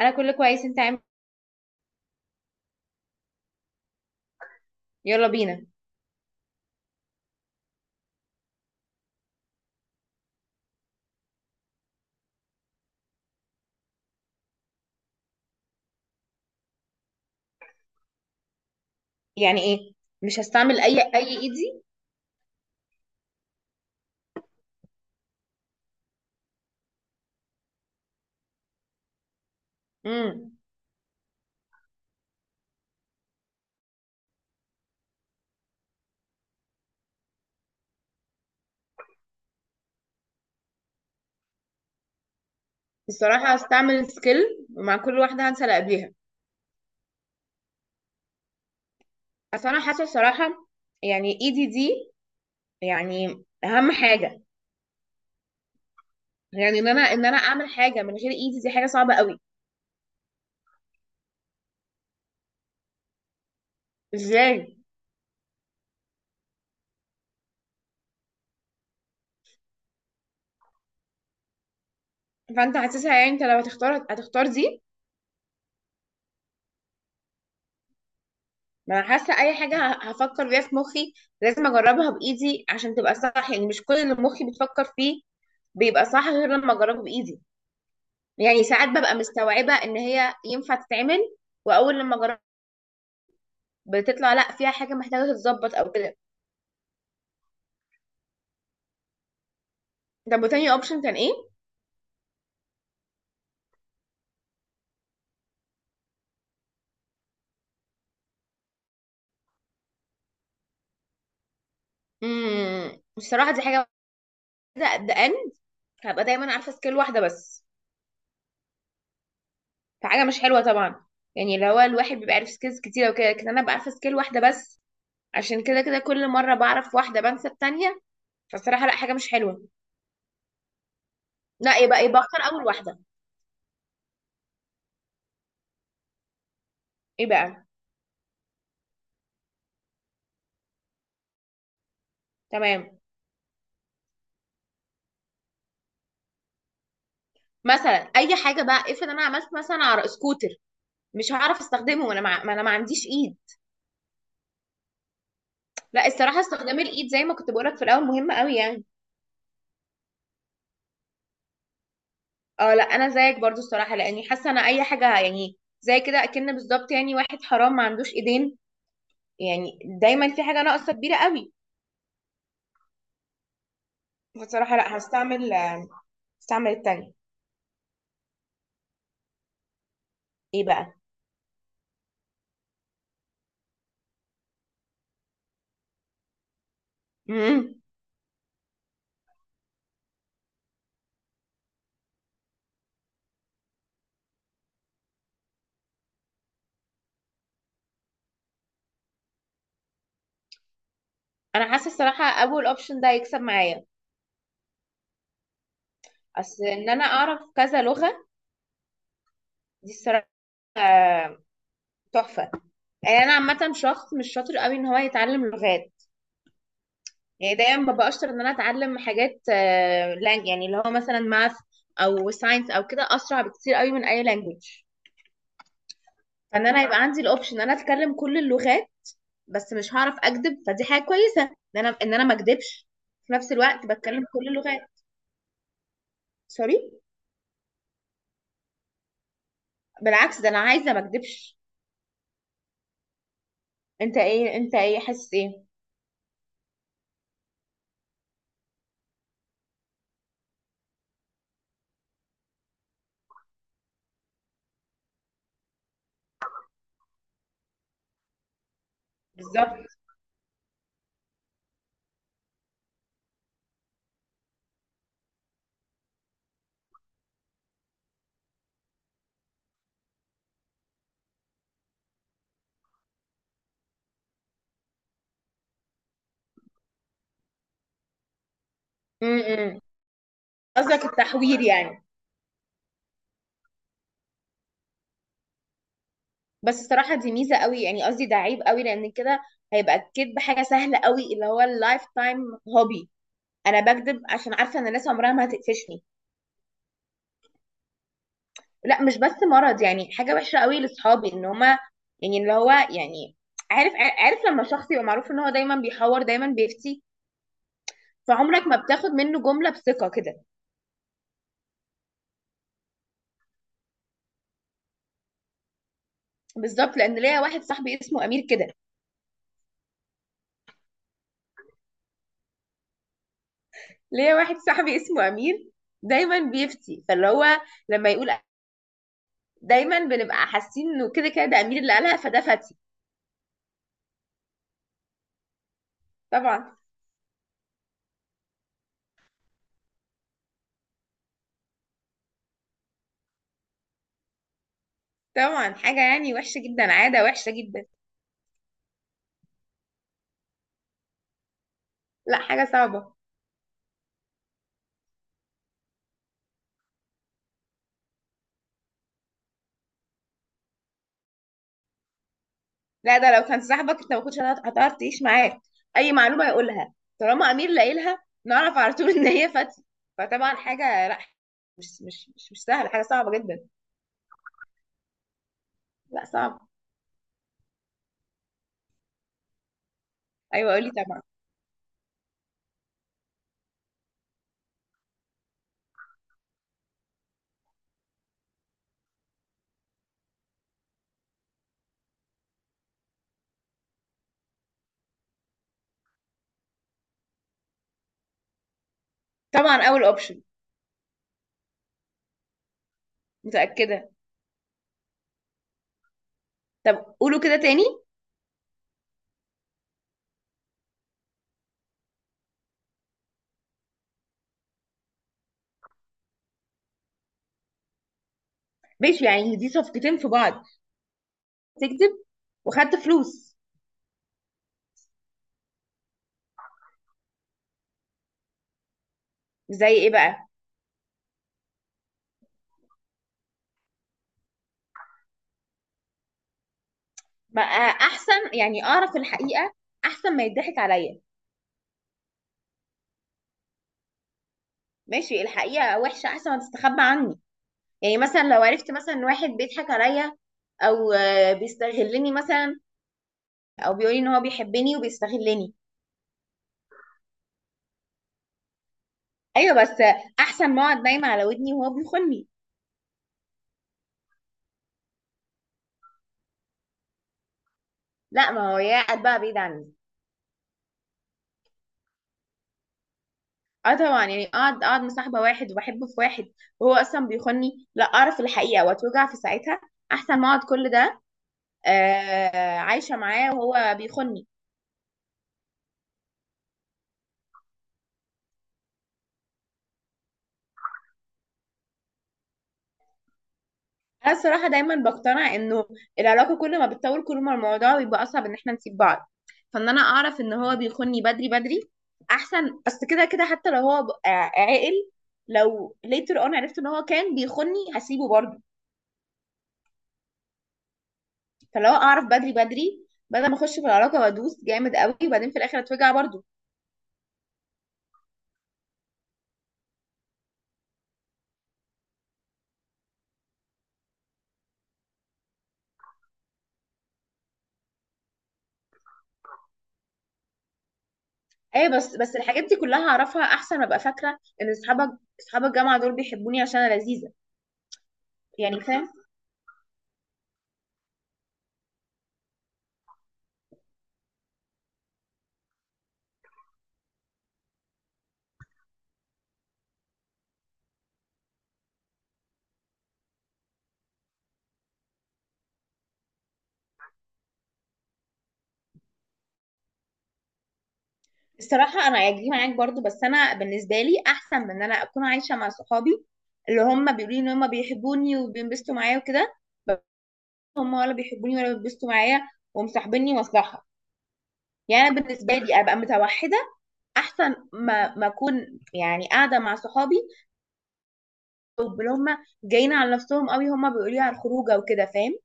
انا كله كويس. انت عامل إيه؟ يلا بينا. يعني ايه؟ مش هستعمل اي ايدي. امم الصراحه هستعمل سكيل، ومع كل واحده هنسى اللي قبليها. اصل انا حاسه الصراحه، يعني ايدي دي يعني اهم حاجه، يعني ان انا اعمل حاجه من غير ايدي دي حاجه صعبه قوي. ازاي؟ فانت حاسسها، يعني انت لو هتختار هتختار دي. ما انا حاسه اي حاجه هفكر فيها في مخي، لازم اجربها بايدي عشان تبقى صح. يعني مش كل اللي مخي بتفكر فيه بيبقى صح غير لما اجربه بايدي. يعني ساعات ببقى مستوعبة ان هي ينفع تتعمل، واول لما جربت بتطلع لا، فيها حاجة محتاجة تتظبط او كده. طب وتاني اوبشن كان ايه؟ الصراحة دي حاجة واحدة، قد ان هبقى دايما عارفة سكيل واحدة بس، فحاجة مش حلوة طبعا. يعني اللي هو الواحد بيبقى عارف سكيلز كتيرة وكده، لكن انا ببقى عارفة سكيل واحدة بس. عشان كده كده كل مرة بعرف واحدة بنسى التانية. فالصراحة لا، حاجة مش حلوة. لا، يبقى اختار اول واحدة. ايه بقى؟ تمام. مثلا اي حاجة بقى، افرض انا عملت مثلا على سكوتر، مش هعرف استخدمه وانا ما انا ما عنديش ايد. لا، الصراحه استخدام الايد زي ما كنت بقولك في الاول مهم قوي يعني. اه لا، انا زيك برضو الصراحه، لاني حاسه انا اي حاجه يعني زي كده اكن بالظبط، يعني واحد حرام ما عندوش ايدين. يعني دايما في حاجه ناقصه كبيره قوي. فالصراحه لا، هستعمل التانية. ايه بقى؟ امم انا حاسه الصراحه اول اوبشن ده هيكسب معايا. اصل ان انا اعرف كذا لغه دي الصراحه آه، تحفه. يعني انا عامه شخص مش شاطر قوي ان هو يتعلم لغات. يعني دايما ببقى اشطر ان انا اتعلم حاجات، يعني اللي هو مثلا ماث او ساينس او كده اسرع بكتير قوي من اي لانجوج. فان انا يبقى عندي الاوبشن ان انا اتكلم كل اللغات، بس مش هعرف اكذب، فدي حاجه كويسه ان انا ما اكذبش في نفس الوقت بتكلم كل اللغات. سوري. بالعكس ده انا عايزه ما اكذبش. انت ايه حاسس ايه؟ بالظبط. امم قصدك التحوير يعني. بس الصراحه دي ميزه قوي، يعني قصدي ده عيب قوي، لان كده هيبقى الكذب حاجه سهله قوي، اللي هو اللايف تايم هوبي. انا بكذب عشان عارفه ان الناس عمرها ما هتقفشني. لا، مش بس مرض، يعني حاجه وحشه قوي لاصحابي ان هما، يعني اللي هو يعني عارف. عارف لما شخص يبقى معروف ان هو دايما بيحور دايما بيفتي، فعمرك ما بتاخد منه جمله بثقه كده. بالظبط، لان ليا واحد صاحبي اسمه امير كده. ليا واحد صاحبي اسمه امير دايما بيفتي، فاللي هو لما يقول دايما بنبقى حاسين انه كده كده ده امير اللي قالها فده فتي. طبعا. طبعا حاجه يعني وحشه جدا، عاده وحشه جدا. لا حاجه صعبه. لا، ده لو كان صاحبك انت ما كنتش هتعرف تعيش معاه. اي معلومه يقولها طالما امير لاقيلها نعرف على طول ان هي فتحي. فطبعا حاجه لا، مش سهله، حاجه صعبه جدا. لا صعب. ايوه قولي طبعا. طبعا اول اوبشن. متاكده. طب قولوا كده تاني. ماشي يعني دي صفقتين في بعض، تكذب وخدت فلوس. زي ايه بقى؟ بقى احسن يعني اعرف الحقيقه احسن ما يضحك عليا. ماشي، الحقيقه وحشه احسن ما تستخبى عني. يعني مثلا لو عرفت مثلا ان واحد بيضحك عليا، او بيستغلني مثلا، او بيقولي ان هو بيحبني وبيستغلني. ايوه بس احسن ما اقعد نايمه على ودني وهو بيخوني. لا، ما هو يا قاعد بقى بعيد عني. اه طبعا، يعني اقعد مصاحبه واحد وبحبه في واحد وهو اصلا بيخوني، لا اعرف الحقيقه واتوجع في ساعتها احسن ما اقعد كل ده عايشه معاه وهو بيخوني. انا الصراحه دايما بقتنع انه العلاقه كل ما بتطول كل ما الموضوع بيبقى اصعب ان احنا نسيب بعض. فان انا اعرف ان هو بيخوني بدري بدري احسن. اصل كده كده حتى لو هو عاقل، لو later on عرفت ان هو كان بيخوني هسيبه برضه. فلو اعرف بدري بدري بدل ما اخش في العلاقه وادوس جامد قوي وبعدين في الاخر اتوجع برضه. ايوه بس الحاجات دي كلها اعرفها احسن ما ابقى فاكره ان اصحاب الجامعه دول بيحبوني عشان انا لذيذه. يعني فاهم. الصراحة أنا هيجي معاك برضو، بس أنا بالنسبة لي أحسن من إن أنا أكون عايشة مع صحابي اللي هم بيقولوا لي إن هم بيحبوني وبينبسطوا معايا وكده، بس هم ولا بيحبوني ولا بينبسطوا معايا ومصاحبيني مصلحة. يعني أنا بالنسبة لي أبقى متوحدة أحسن ما أكون يعني قاعدة مع صحابي واللي هم جايين على نفسهم قوي هم بيقولوا لي على الخروجة وكده، فاهم.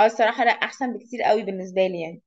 أو الصراحة لا، أحسن بكتير قوي بالنسبة لي يعني.